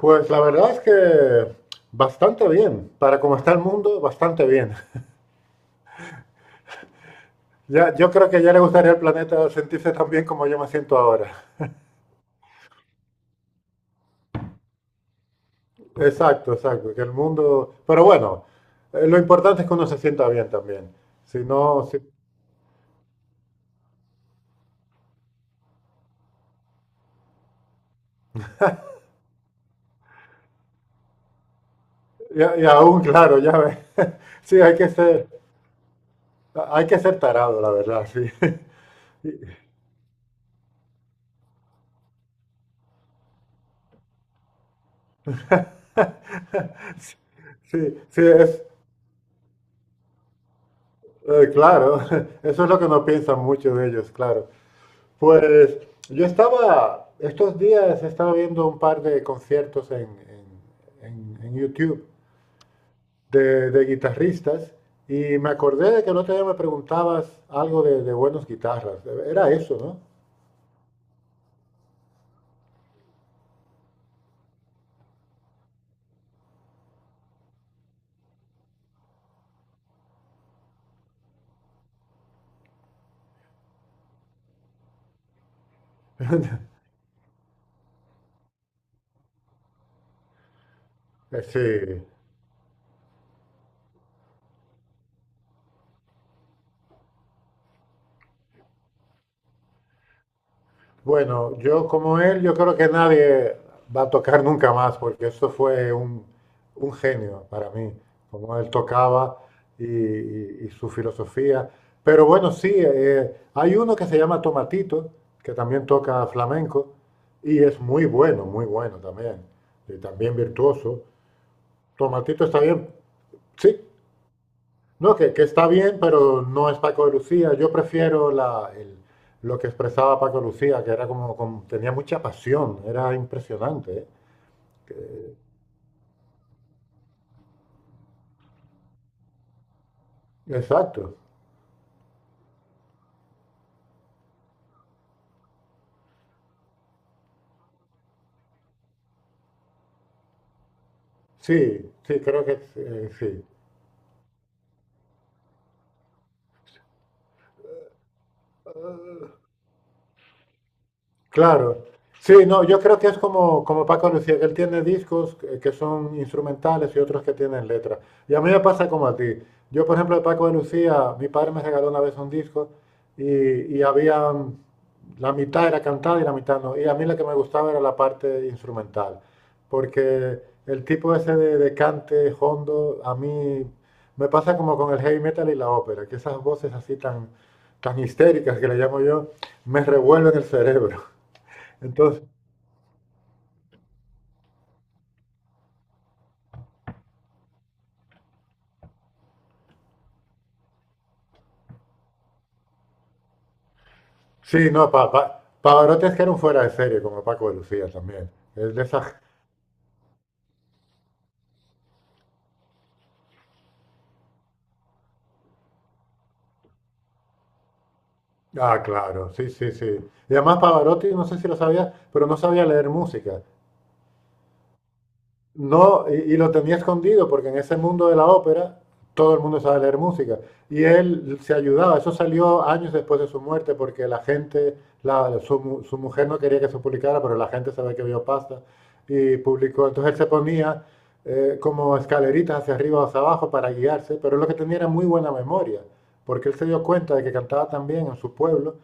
Pues la verdad es que bastante bien. Para como está el mundo, bastante bien. Ya, yo creo que ya le gustaría al planeta sentirse tan bien como yo me siento ahora. Exacto, exacto. Que el mundo. Pero bueno, lo importante es que uno se sienta bien también. Si no, si- y aún, claro, ya ves. Sí, hay que ser tarado, la verdad, sí. Sí, sí, es, claro, eso es lo que no piensan muchos de ellos, claro. Pues estos días estaba viendo un par de conciertos en YouTube de guitarristas y me acordé de que el otro día me preguntabas algo de buenos guitarras. Era eso, ¿no? Eh, Sí. Bueno, yo como él, yo creo que nadie va a tocar nunca más, porque esto fue un genio para mí, como él tocaba y su filosofía. Pero bueno, sí, hay uno que se llama Tomatito, que también toca flamenco, y es muy bueno, muy bueno también, y también virtuoso. Tomatito está bien, sí, no, que está bien, pero no es Paco de Lucía. Yo prefiero lo que expresaba Paco de Lucía, que era tenía mucha pasión, era impresionante. ¿Eh? Exacto. Sí, sí, creo que sí. Claro. Sí, no, yo creo que es como, como Paco Lucía, que él tiene discos que son instrumentales y otros que tienen letras. Y a mí me pasa como a ti. Yo, por ejemplo, de Paco de Lucía, mi padre me regaló una vez un disco y, y había la mitad era cantada y la mitad no. Y a mí la que me gustaba era la parte instrumental, porque el tipo ese de cante hondo, a mí me pasa como con el heavy metal y la ópera, que esas voces así tan histéricas que le llamo yo, me revuelven el cerebro. Entonces, sí, no, Pavarotti es que era un fuera de serie, como Paco de Lucía también. Es de esas... Ah, claro, sí, sí, sí. Y además Pavarotti, no sé si lo sabías, pero no sabía leer música. No, y lo tenía escondido porque en ese mundo de la ópera todo el mundo sabe leer música. Y él se ayudaba, eso salió años después de su muerte porque la gente, la- su, mu- su mujer no quería que se publicara, pero la gente sabe que vio pasta y publicó. Entonces él se ponía como escaleritas hacia arriba o hacia abajo para guiarse, pero lo que tenía era muy buena memoria, porque él se dio cuenta de que cantaba también en su pueblo,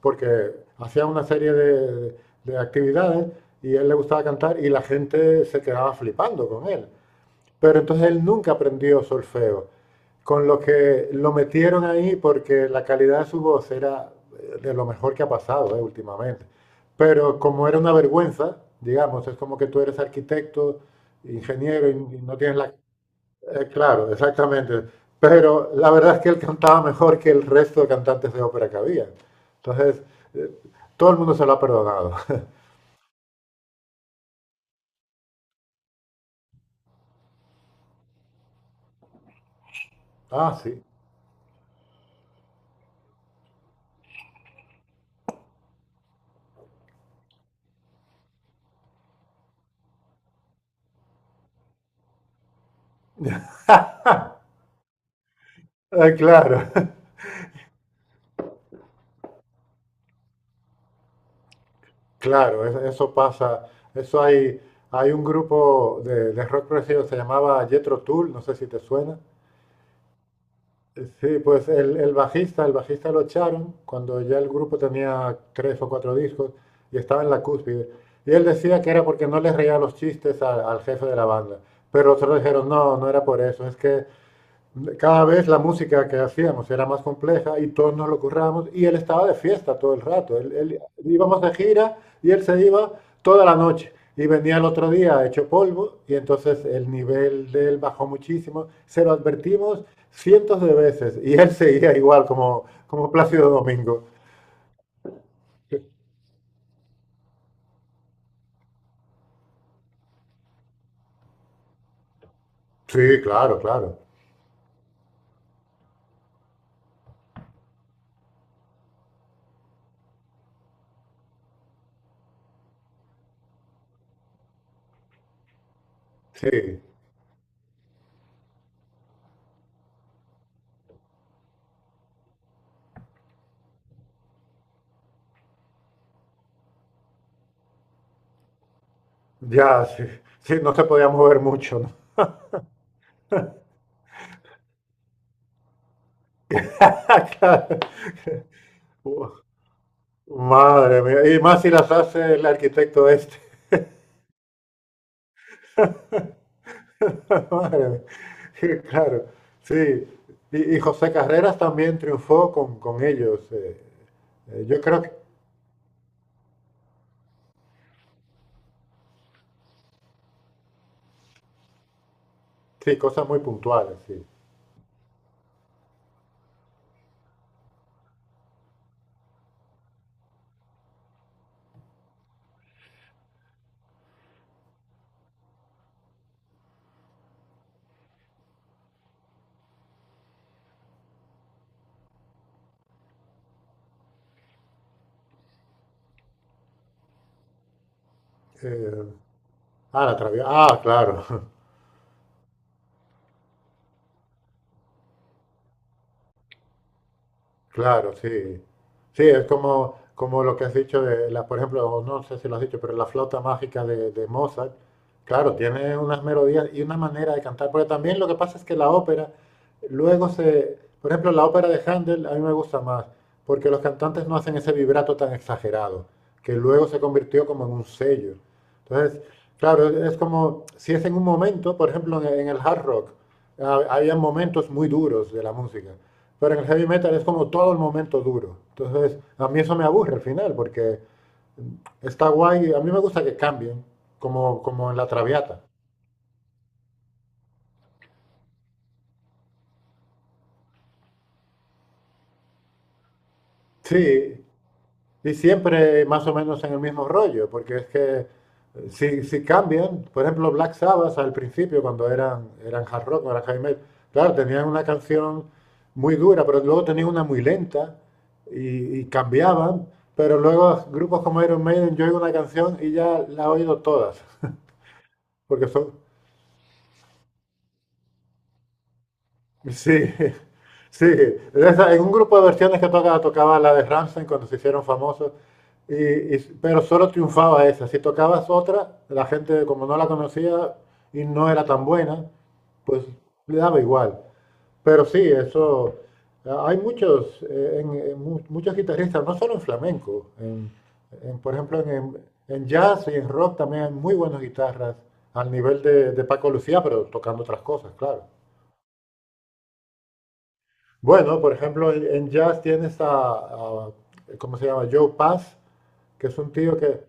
porque hacía una serie de actividades y a él le gustaba cantar y la gente se quedaba flipando con él. Pero entonces él nunca aprendió solfeo, con lo que lo metieron ahí porque la calidad de su voz era de lo mejor que ha pasado últimamente. Pero como era una vergüenza, digamos, es como que tú eres arquitecto, ingeniero y no tienes la... claro, exactamente. Pero la verdad es que él cantaba mejor que el resto de cantantes de ópera que había. Entonces, eh, todo el mundo se lo ha perdonado. Ah, sí. Claro. Claro, es- eso pasa. Eso hay, hay un grupo de rock progresivo que se llamaba Jethro Tull, no sé si te suena. Sí, pues el bajista lo echaron cuando ya el grupo tenía tres o cuatro discos y estaba en la cúspide. Y él decía que era porque no les reía los chistes al jefe de la banda. Pero otros dijeron, no, no era por eso, es que cada vez la música que hacíamos era más compleja y todos nos lo currábamos y él estaba de fiesta todo el rato. Íbamos de gira y él se iba toda la noche y venía el otro día hecho polvo y entonces el nivel de él bajó muchísimo. Se lo advertimos cientos de veces y él seguía igual como, como Plácido Domingo. Sí, claro, claro. Sí, ya, sí, sí, no se podía mover mucho, ¿no? Claro. Uf, madre mía, y más si las hace el arquitecto este. Madre mía. Claro, sí. Y José Carreras también triunfó con ellos. Yo creo que sí, cosas muy puntuales, sí. Eh, ah, la Traviata. Ah, claro. Claro, sí. Sí, es como, como lo que has dicho de la, por ejemplo, o no sé si lo has dicho, pero la flauta mágica de Mozart, claro, tiene unas melodías y una manera de cantar, porque también lo que pasa es que la ópera luego se, por ejemplo, la ópera de Handel a mí me gusta más, porque los cantantes no hacen ese vibrato tan exagerado, que luego se convirtió como en un sello. Entonces, claro, es como si es en un momento, por ejemplo, en el hard rock, había momentos muy duros de la música. Pero en el heavy metal es como todo el momento duro. Entonces, a mí eso me aburre al final, porque está guay. A mí me gusta que cambien, como, como en la Traviata. Sí, y siempre más o menos en el mismo rollo, porque es que si cambian, por ejemplo, Black Sabbath al principio, cuando eran hard rock, no eran heavy metal, claro, tenían una canción muy dura, pero luego tenían una muy lenta y cambiaban. Pero luego grupos como Iron Maiden, yo oigo una canción y ya la he oído todas, porque son, sí, sí. En un grupo de versiones que tocaba, tocaba la de Rammstein cuando se hicieron famosos, y, pero solo triunfaba esa. Si tocabas otra, la gente como no la conocía y no era tan buena, pues le daba igual. Pero sí, eso, hay muchos, muchos guitarristas, no solo en flamenco, por ejemplo en jazz y en rock también hay muy buenas guitarras al nivel de Paco Lucía, pero tocando otras cosas, claro. Bueno, por ejemplo, en jazz tienes a- ¿cómo se llama? Joe Pass, que es un tío que,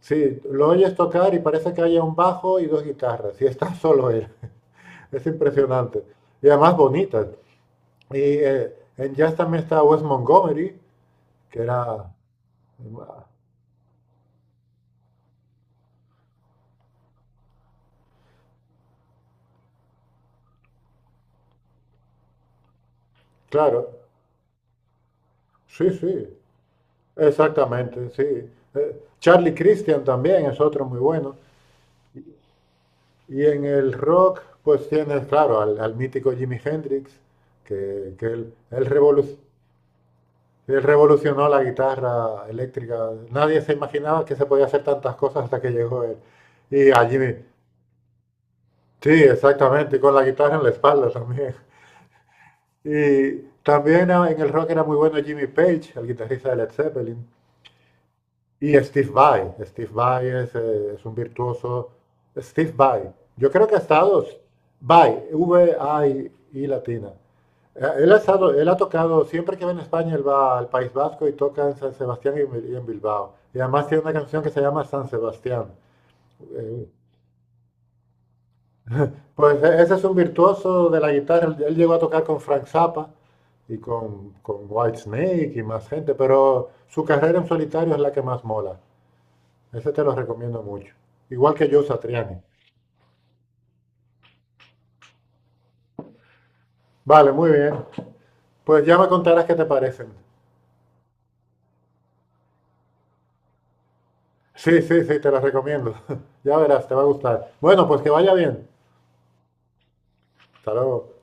sí, lo oyes tocar y parece que haya un bajo y dos guitarras, y está solo él. Es impresionante. Y además bonita. Y en jazz también está Wes Montgomery, que era, claro, sí, sí, exactamente, sí. Charlie Christian también es otro muy bueno. Y en el rock, pues tienes, claro, al mítico Jimi Hendrix, que él, revolu- él revolucionó la guitarra eléctrica. Nadie se imaginaba que se podía hacer tantas cosas hasta que llegó él. Y a Jimi, sí, exactamente, y con la guitarra en la espalda también. Y también ah, en el rock era muy bueno Jimmy Page, el guitarrista de Led Zeppelin, y Steve Vai. Steve Vai es un virtuoso. Steve Vai. Yo creo que ha estado Vai, V-I-I latina. Él él ha tocado, siempre que va en España, él va al País Vasco y toca en San Sebastián y en y en Bilbao. Y además tiene una canción que se llama San Sebastián. Eh, Pues ese es un virtuoso de la guitarra. Él llegó a tocar con Frank Zappa y con Whitesnake y más gente, pero su carrera en solitario es la que más mola. Ese te lo recomiendo mucho. Igual que Joe Satriani. Vale, muy bien. Pues ya me contarás qué te parecen. Sí, sí, sí, te los recomiendo. Ya verás, te va a gustar. Bueno, pues que vaya bien. Hasta luego.